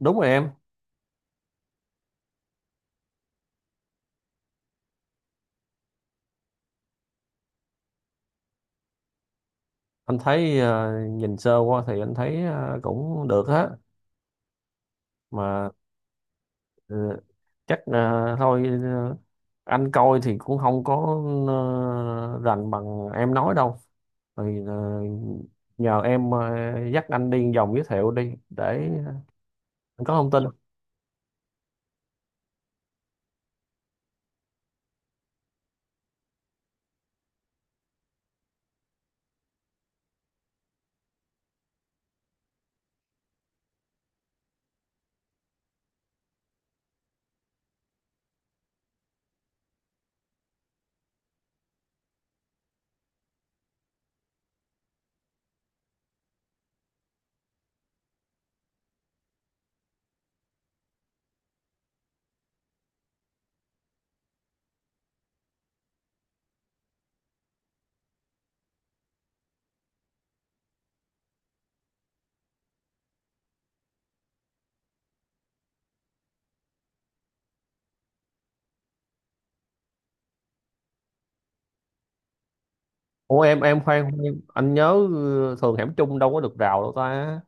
Đúng rồi em. Anh thấy, nhìn sơ qua thì anh thấy cũng được á. Mà ờ, chắc là thôi, anh coi thì cũng không có rành bằng em nói đâu. Thì nhờ em dắt anh đi vòng giới thiệu đi để anh có thông tin. Ủa em khoan khoan, anh nhớ thường hẻm chung đâu có được rào đâu ta?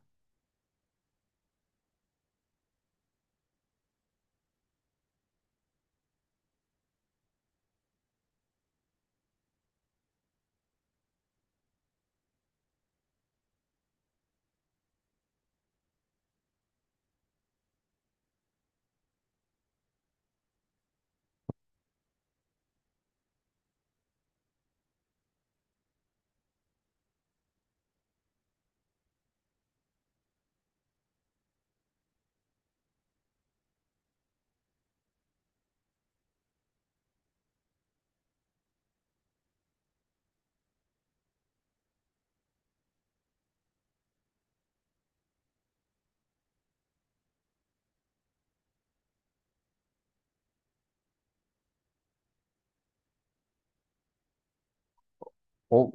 Ủa,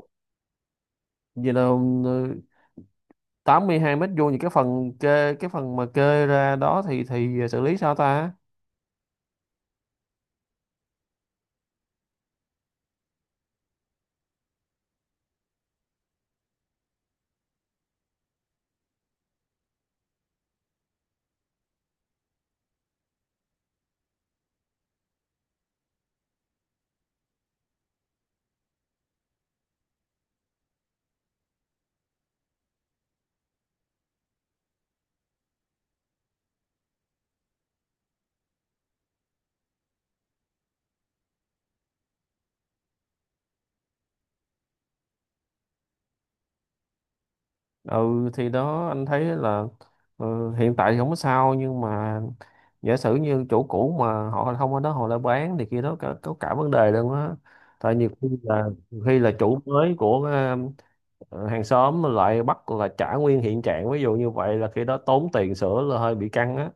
vậy là ờ, 82 m² thì cái phần mà kê ra đó thì xử lý sao ta? Ừ thì đó anh thấy là hiện tại thì không có sao, nhưng mà giả sử như chỗ cũ mà họ không ở đó họ lại bán thì kia đó có cả vấn đề luôn á. Tại nhiều khi là, chủ mới của ờ, hàng xóm lại bắt là trả nguyên hiện trạng, ví dụ như vậy là khi đó tốn tiền sửa là hơi bị căng á.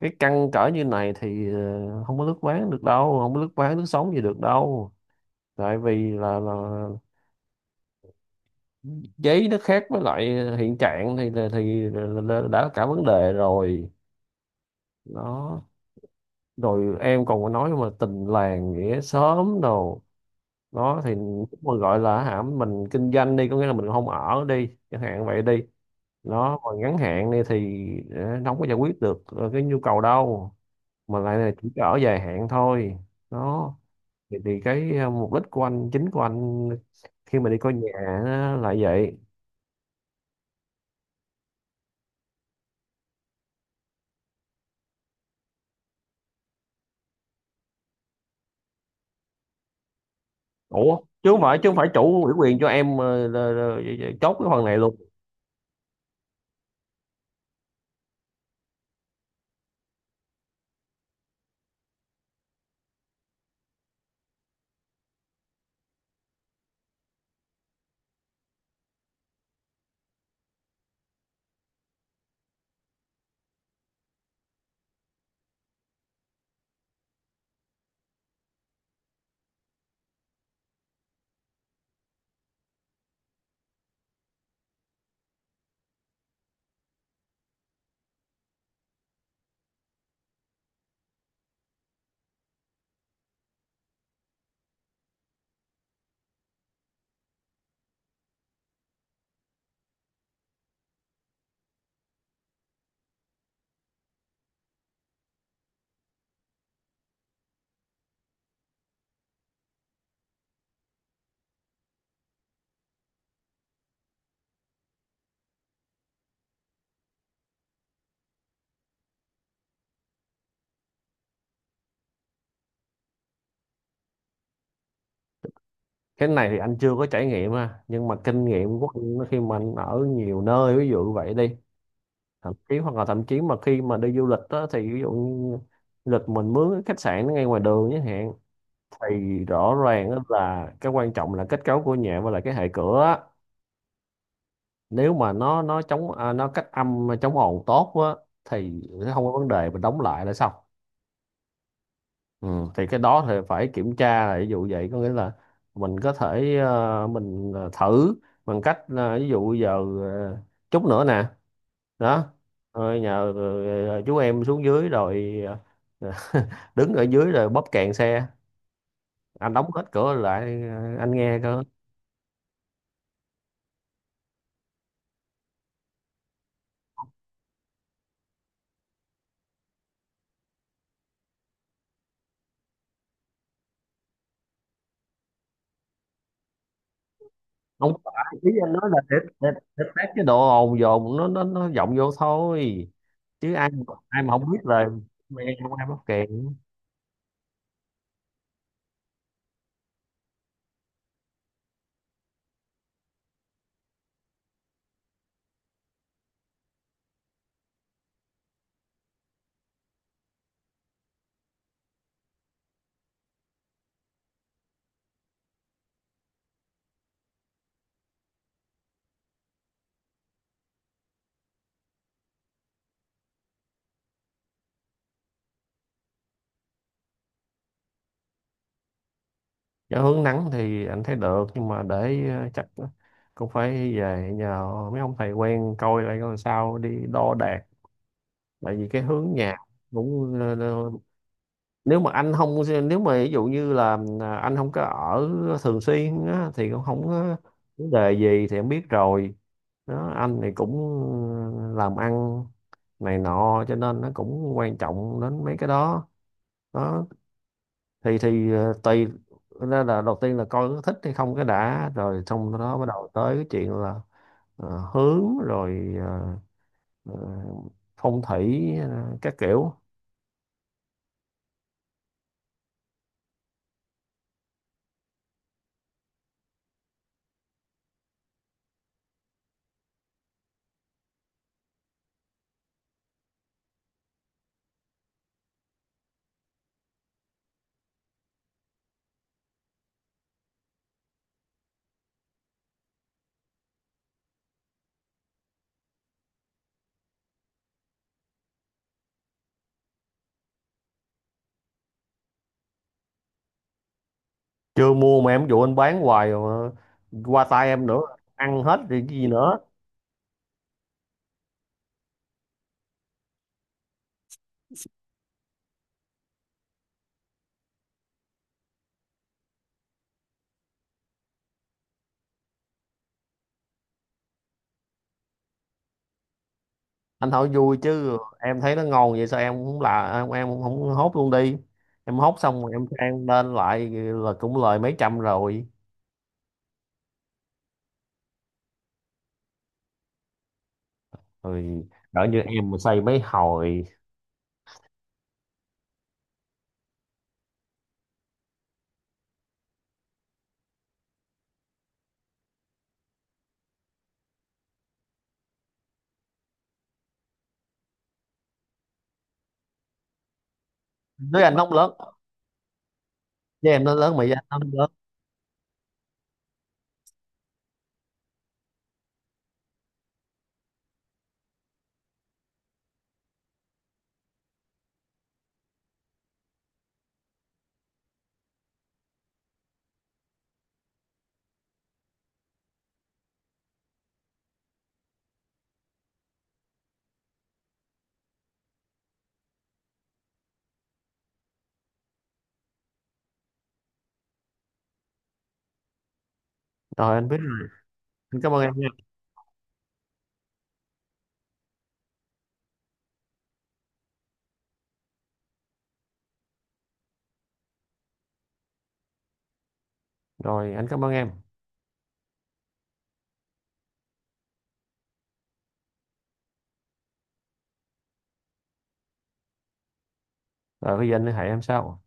Cái căng cỡ như này thì không có lướt ván được đâu, không có lướt ván lướt sóng gì được đâu. Tại vì là giấy nó khác với lại hiện trạng, đã cả vấn đề rồi. Đó. Rồi em còn có nói mà tình làng nghĩa xóm đồ. Đó thì lúc mà gọi là hả mình kinh doanh đi, có nghĩa là mình không ở đi chẳng hạn vậy đi, nó còn ngắn hạn đi thì nó không có giải quyết được cái nhu cầu đâu, mà lại là chỉ có ở dài hạn thôi. Đó. Thì cái mục đích của anh, chính của anh khi mà đi coi nhà á, là vậy. Ủa, chứ không phải chủ ủy quyền cho em chốt cái phần này luôn? Cái này thì anh chưa có trải nghiệm ha, nhưng mà kinh nghiệm của anh khi mà anh ở nhiều nơi, ví dụ vậy đi, thậm chí hoặc là thậm chí mà khi mà đi du lịch đó, thì ví dụ như du lịch mình mướn cái khách sạn nó ngay ngoài đường chẳng hạn, thì rõ ràng á là cái quan trọng là kết cấu của nhà và là cái hệ cửa á. Nếu mà nó chống à, nó cách âm chống ồn tốt á thì không có vấn đề, mình đóng lại là xong. Ừ, thì cái đó thì phải kiểm tra, là ví dụ vậy có nghĩa là mình có thể mình thử bằng cách là ví dụ giờ, ờ, chút nữa nè. Đó, nhờ chú em xuống dưới rồi, ờ, đứng ở dưới rồi bóp kèn xe, anh đóng hết cửa lại, anh nghe cơ. Không phải, ý anh nói là để tắt cái độ ồn dồn nó vọng vô thôi, chứ ai, ai mà không biết là mày không ai bóp kèn. Nếu hướng nắng thì anh thấy được, nhưng mà để, chắc cũng phải về nhờ mấy ông thầy quen coi lại coi sao, đi đo đạc. Tại vì cái hướng nhà cũng, nếu mà anh không nếu mà ví dụ như là anh không có ở thường xuyên á, thì cũng không có vấn đề gì thì em biết rồi. Đó, anh thì cũng làm ăn này nọ cho nên nó cũng quan trọng đến mấy cái đó. Đó thì, tùy. Đó là đầu tiên là coi có thích hay không cái đã, rồi xong đó bắt đầu tới cái chuyện là hướng, rồi ờ, phong thủy các kiểu. Chưa mua mà em dụ anh bán hoài rồi, mà qua tay em nữa, ăn hết thì cái gì nữa. Anh hỏi vui chứ em thấy nó ngon vậy sao, em cũng là em cũng không hốt luôn đi? Em hốt xong rồi em ăn lên lại là cũng lời mấy trăm rồi. Rồi, đỡ như em mà xây mấy hồi. Đứa anh nóng lớn, với em nó lớn mà với anh nó lớn. Rồi anh biết rồi, anh cảm ơn em nha. Rồi anh cảm ơn em. Rồi bây giờ anh liên hệ em sau.